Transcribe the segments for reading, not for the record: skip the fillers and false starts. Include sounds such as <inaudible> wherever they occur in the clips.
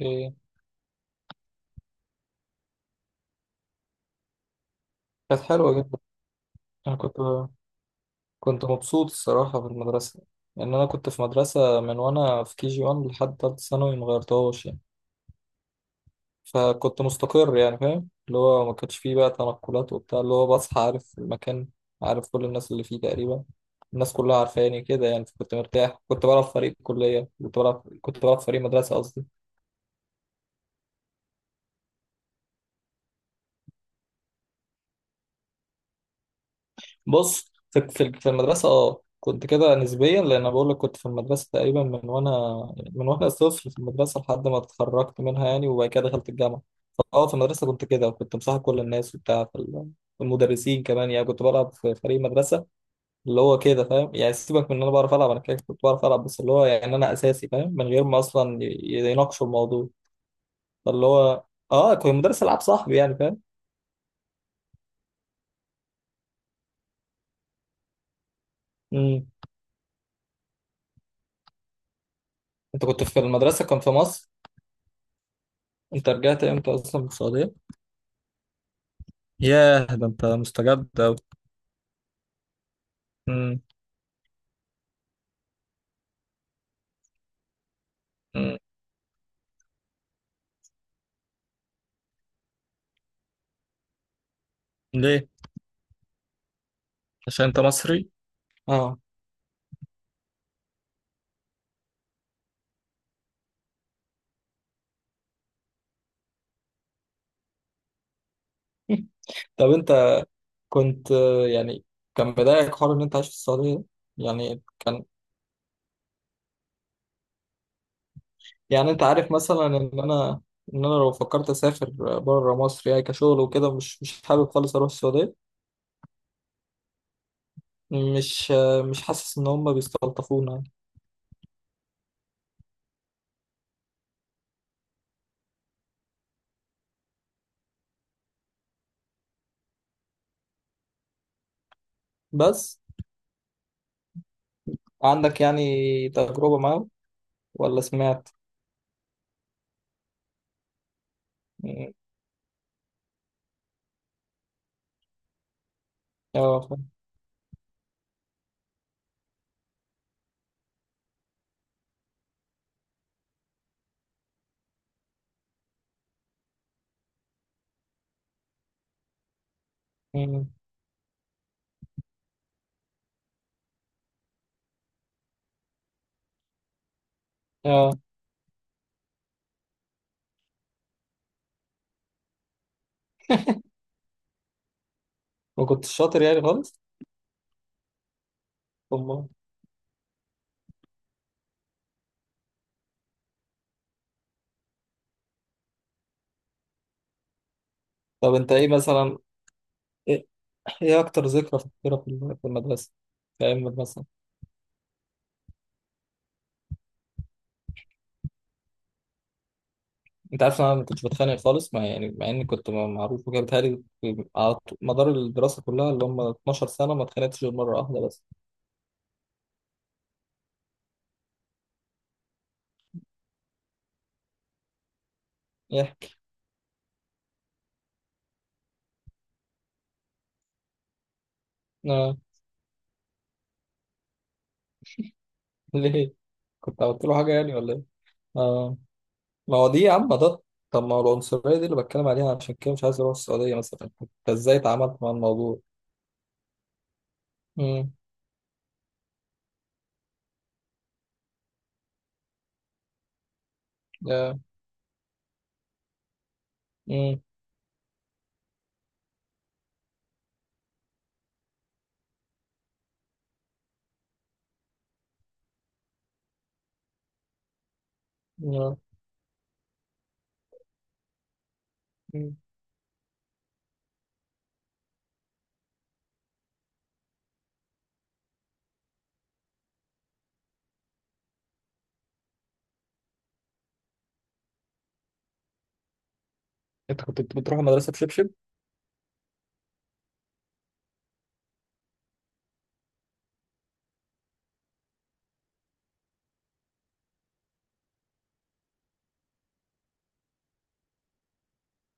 إيه. كانت حلوة جدا. أنا كنت مبسوط الصراحة في المدرسة، لأن أنا كنت في مدرسة من وأنا في كي جي 1 لحد تالتة ثانوي مغيرتهاش يعني. فكنت مستقر يعني، فاهم اللي هو ما كانش فيه بقى تنقلات وبتاع، اللي هو بصحى عارف المكان، عارف كل الناس اللي فيه تقريبا، الناس كلها عارفاني كده يعني. فكنت مرتاح، كنت بلعب في فريق كلية، كنت بلعب في فريق مدرسة قصدي. بص، في المدرسة كنت كده نسبيا، لأن أنا بقول لك كنت في المدرسة تقريبا من وأنا طفل في المدرسة لحد ما اتخرجت منها يعني، وبعد كده دخلت الجامعة. فأه في المدرسة كنت كده، وكنت مصاحب كل الناس وبتاع في المدرسين كمان، يعني كنت بلعب في فريق مدرسة اللي هو كده، فاهم يعني. سيبك من إن أنا بعرف ألعب، أنا كده كنت بعرف ألعب، بس اللي هو يعني أنا أساسي، فاهم، من غير ما أصلا يناقشوا الموضوع. فاللي هو كنت مدرس ألعاب صاحبي، يعني فاهم. أمم. أنت كنت في المدرسة كان في مصر؟ أنت رجعت إمتى أصلا من السعودية؟ ياه، ده انت مستجد أوي. مم. مم. ليه؟ عشان انت مصري؟ اه. <laughs> طب انت كنت، يعني، كان بداية حوار ان انت عايش في السعودية ده؟ يعني كان، يعني انت عارف مثلا ان انا لو فكرت اسافر بره مصر يعني كشغل وكده، مش حابب خالص اروح السعودية. مش حاسس ان هم بيستلطفونا يعني. بس عندك يعني تجربة معاهم ولا سمعت؟ مم. اه، فاهم. مم. اه، وكنت شاطر يعني خالص؟ أمال. طب انت ايه مثلا، ايه إيه اكتر ذكرى فاكرها في في المدرسه، في ايام المدرسه. انت عارف إن انا ما كنتش بتخانق خالص، مع يعني، مع اني كنت معروف وكده، بيتهيألي على مدار الدراسه كلها اللي هم 12 سنه، ما اتخانقتش غير مره واحده بس. ايه. آه. <laughs> ليه؟ كنت عملت له حاجه يعني ولا ايه؟ آه. ما هو دي يا عم ده. طب ما هو العنصريه دي اللي بتكلم عليها، عشان كده مش عايز اروح السعوديه مثلا، انت ازاي اتعاملت مع الموضوع؟ امم، يا، امم، يا، مم. انت كنت بتروح المدرسه بشبشب؟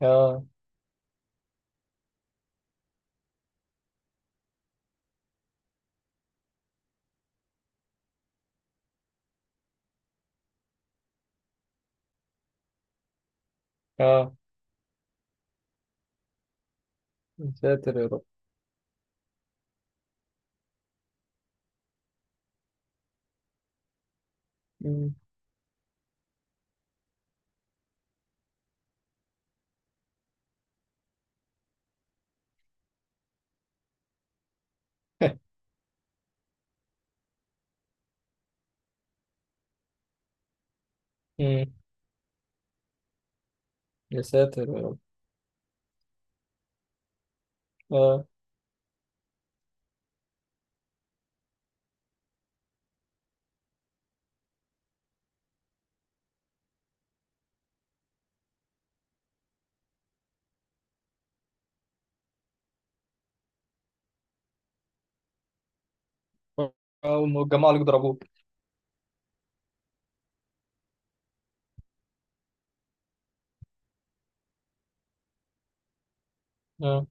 اه، اه. يا ساتر يا رب. مم. <laughs> مم. يا ساتر يا رب. اه. والجماعة اللي ضربوك. اه.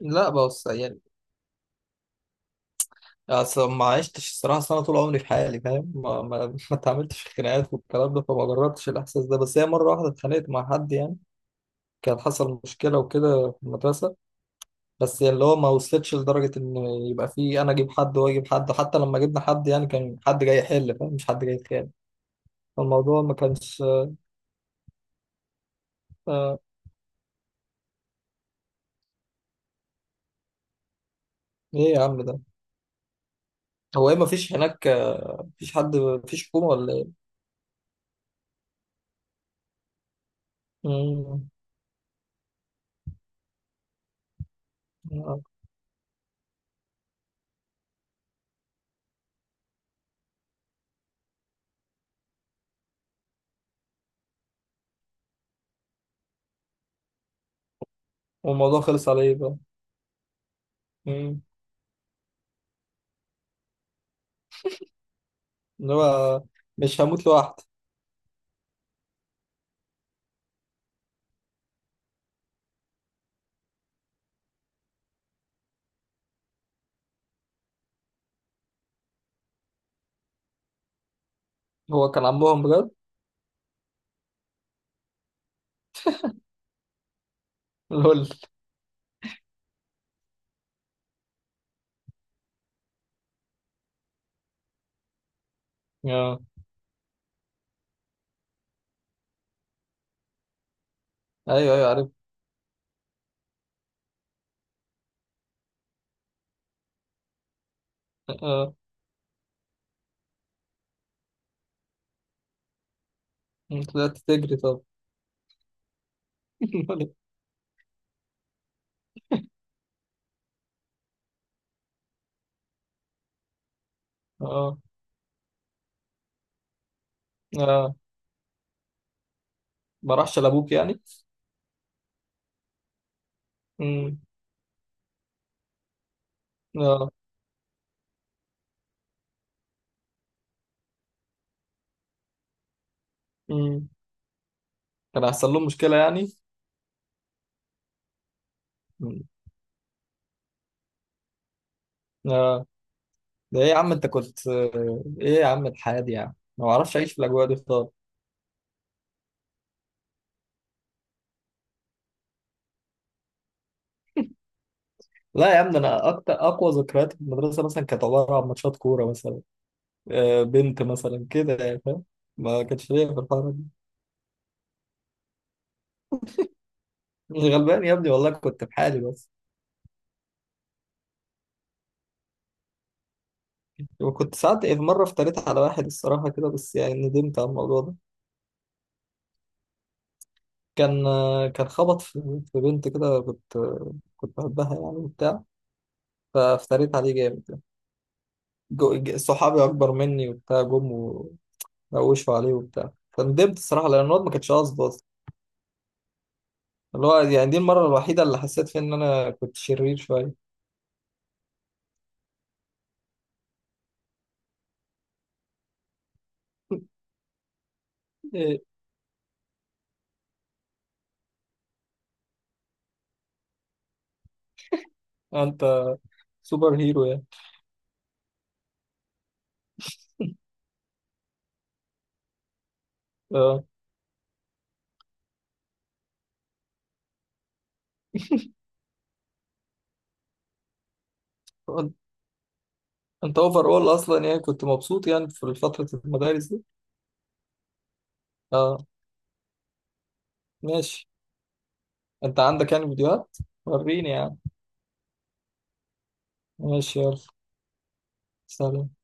لا، بص يعني، اصل ما عشتش الصراحة سنة، طول عمري في حالي، فاهم، ما اتعاملتش في خناقات والكلام ده، فما جربتش الإحساس ده. بس هي مرة واحدة اتخانقت مع حد يعني، كان حصل مشكلة وكده في المدرسة. بس يعني اللي هو ما وصلتش لدرجة إن يبقى في أنا أجيب حد وهو يجيب حد، حتى لما جبنا حد يعني كان حد جاي يحل، فاهم، مش حد جاي يتخانق. فالموضوع ما كانش. آه. إيه يا عم ده، هو إيه، ما فيش هناك، مفيش حد، مفيش حكومة ولا إيه؟ مم. آه. والموضوع خلص على ايه بقى؟ مم. اللي هو مش هموت لوحدي. هو كان عمهم بجد؟ <laughs> لول. اه. ايوه، ايوه، عارف. اه. طلعت تجري طب؟ <laughs> اه، اه. ما راحش لابوك يعني؟ مم. اه. مم. كان هيحصل لهم مشكله يعني؟ مم. اه. ده ايه يا عم، انت كنت، ايه يا عم الحياه دي يعني، ما بعرفش اعيش في الاجواء دي خالص. لا يا عم ده، انا اكتر اقوى ذكريات في المدرسه مثلا كانت عباره عن ماتشات كوره مثلا، بنت مثلا كده يعني فاهم، ما كانش ليا في الحوار دي. مش غلبان يا ابني، والله كنت في حالي بس. وكنت ساعات، في مرة افتريت على واحد الصراحة كده، بس يعني ندمت على الموضوع ده. كان، كان خبط في بنت كده، كنت بحبها يعني وبتاع، فافتريت عليه جامد يعني. صحابي أكبر مني وبتاع جم، ونوشوا عليه وبتاع، فندمت الصراحة لأن الواد ما كانش قصده أصلا. اللي هو يعني دي المرة الوحيدة اللي حسيت فيها إن أنا كنت شرير شوية. إيه. أنت سوبر هيرو يعني. اه. انت اوفر اول اصلا يعني، كنت مبسوط يعني في فترة المدارس دي. اه، ماشي. انت عندك يعني فيديوهات؟ وريني يعني. ماشي، يلا. سلام.